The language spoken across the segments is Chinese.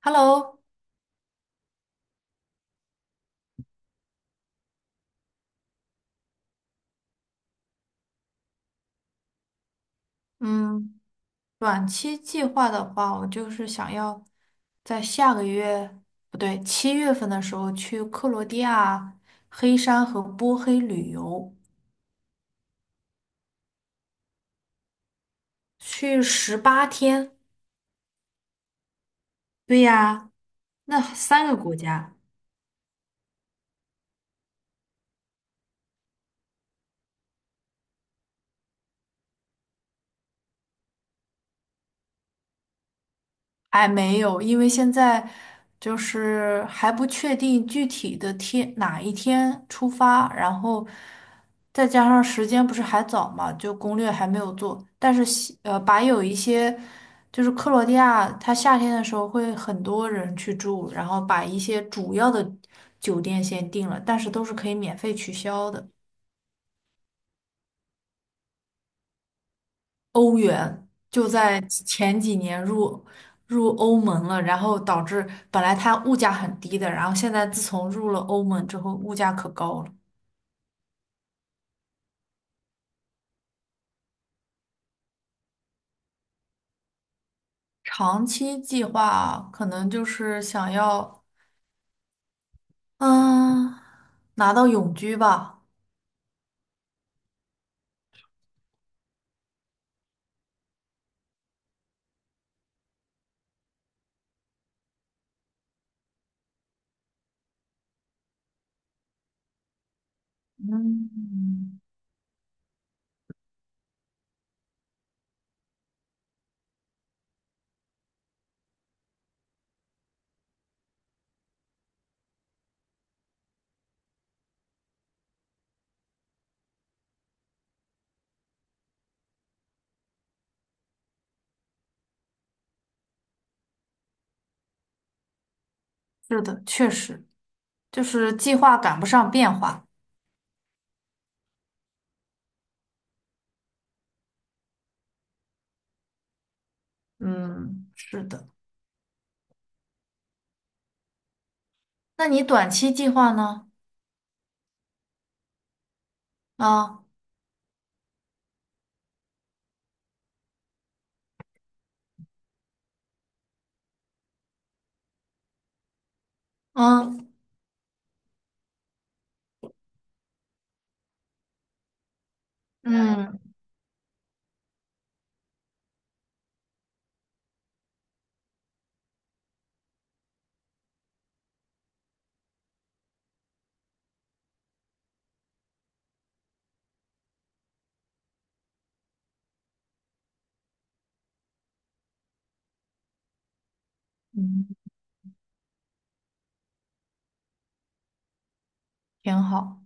Hello，嗯，短期计划的话，我就是想要在下个月，不对，七月份的时候去克罗地亚黑山和波黑旅游，去18天。对呀，那三个国家。还没有，因为现在就是还不确定具体的哪一天出发，然后再加上时间不是还早嘛，就攻略还没有做。但是把有一些就是克罗地亚，它夏天的时候会很多人去住，然后把一些主要的酒店先定了，但是都是可以免费取消的。欧元就在前几年入欧盟了，然后导致本来它物价很低的，然后现在自从入了欧盟之后，物价可高了。长期计划可能就是想要，嗯，拿到永居吧。嗯，是的，确实，就是计划赶不上变化。嗯，是的。那你短期计划呢？啊，嗯嗯嗯，挺好。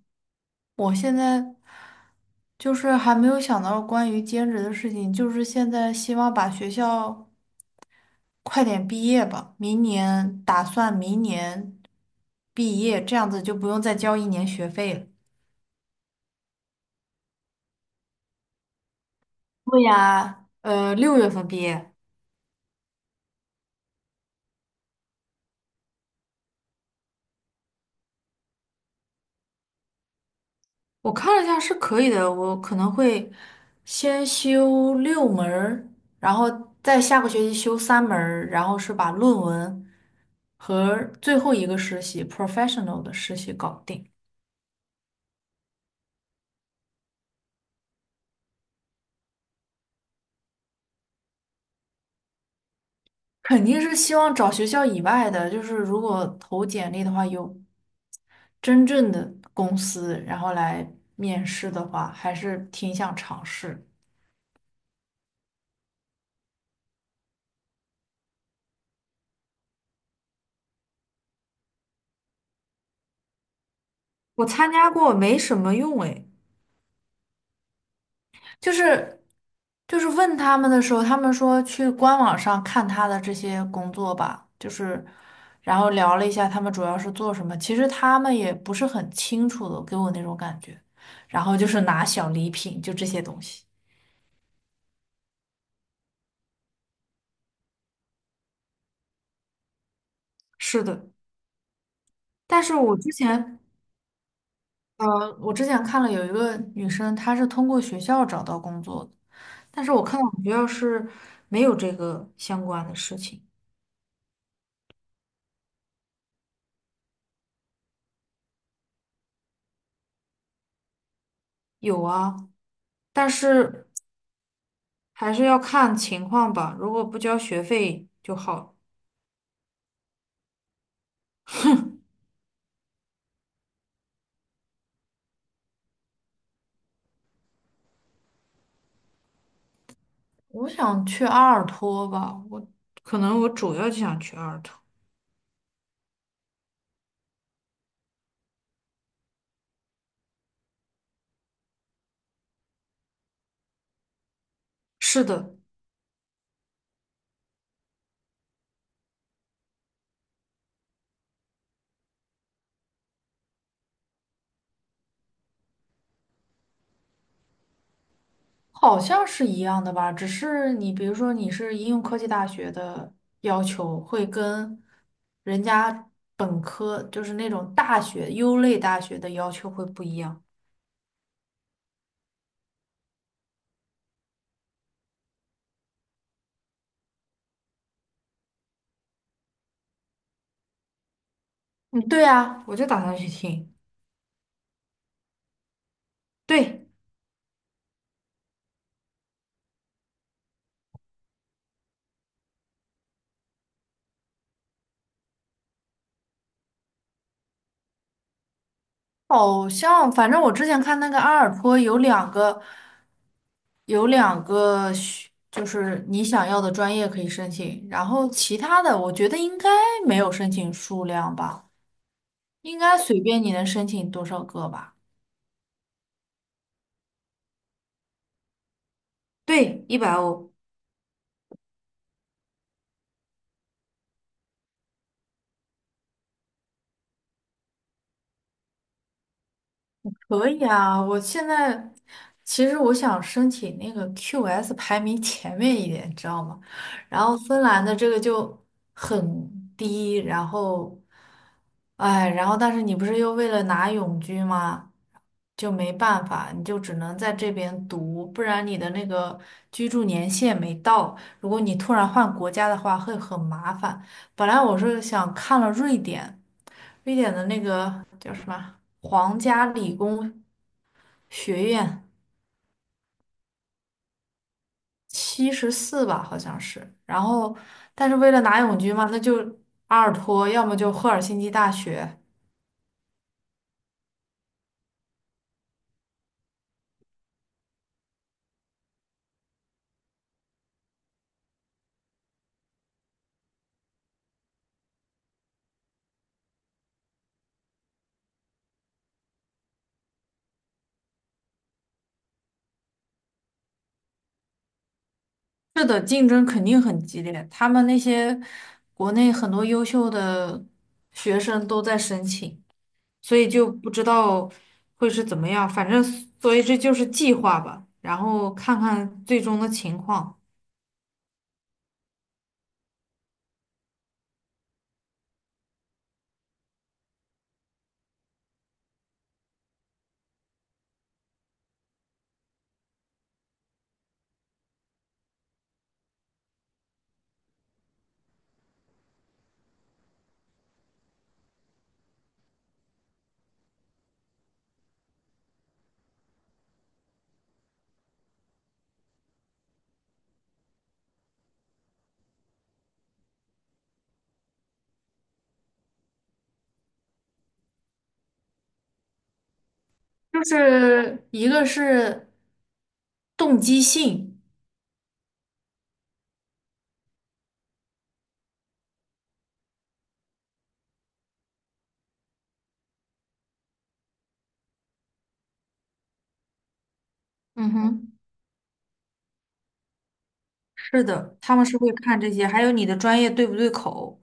我现在就是还没有想到关于兼职的事情，就是现在希望把学校快点毕业吧，明年打算明年毕业，这样子就不用再交一年学费了。对呀，六月份毕业，我看了一下是可以的，我可能会先修六门儿，然后再下个学期修三门儿，然后是把论文和最后一个实习 professional 的实习搞定。肯定是希望找学校以外的，就是如果投简历的话，有真正的公司，然后来面试的话，还是挺想尝试。我参加过，没什么用诶。就是就是问他们的时候，他们说去官网上看他的这些工作吧，就是然后聊了一下他们主要是做什么，其实他们也不是很清楚的，给我那种感觉。然后就是拿小礼品，就这些东西。是的，但是我之前看了有一个女生，她是通过学校找到工作的，但是我看到我们学校是没有这个相关的事情。有啊，但是还是要看情况吧，如果不交学费就好。我想去阿尔托吧，我可能我主要就想去阿尔托。是的。好像是一样的吧，只是你比如说你是应用科技大学的要求，会跟人家本科就是那种大学优类大学的要求会不一样。嗯，对啊，我就打算去听。对，好像反正我之前看那个阿尔托有两个学，就是你想要的专业可以申请，然后其他的我觉得应该没有申请数量吧，应该随便你能申请多少个吧。对，100欧。可以啊，我现在其实我想申请那个 QS 排名前面一点，你知道吗？然后芬兰的这个就很低，然后，哎，然后但是你不是又为了拿永居吗？就没办法，你就只能在这边读，不然你的那个居住年限没到，如果你突然换国家的话，会很麻烦。本来我是想看了瑞典。瑞典的那个叫什么皇家理工学院，74吧，好像是。然后，但是为了拿永居嘛，那就阿尔托，要么就赫尔辛基大学。是的，竞争肯定很激烈。他们那些国内很多优秀的学生都在申请，所以就不知道会是怎么样。反正，所以这就是计划吧，然后看看最终的情况。就是一个是动机性，嗯哼，是的，他们是会看这些，还有你的专业对不对口。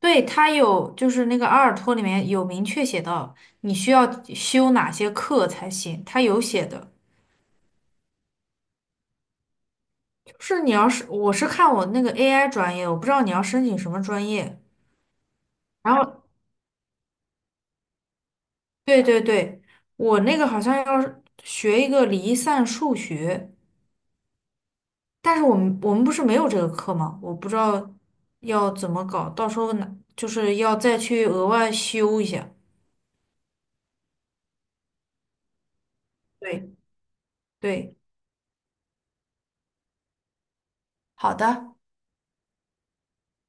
对，他有，就是那个阿尔托里面有明确写到你需要修哪些课才行，他有写的。就是你要是我是看我那个 AI 专业，我不知道你要申请什么专业。然后，对对对，我那个好像要是学一个离散数学。但是我们不是没有这个课吗？我不知道要怎么搞，到时候呢，就是要再去额外修一下。对对，好的。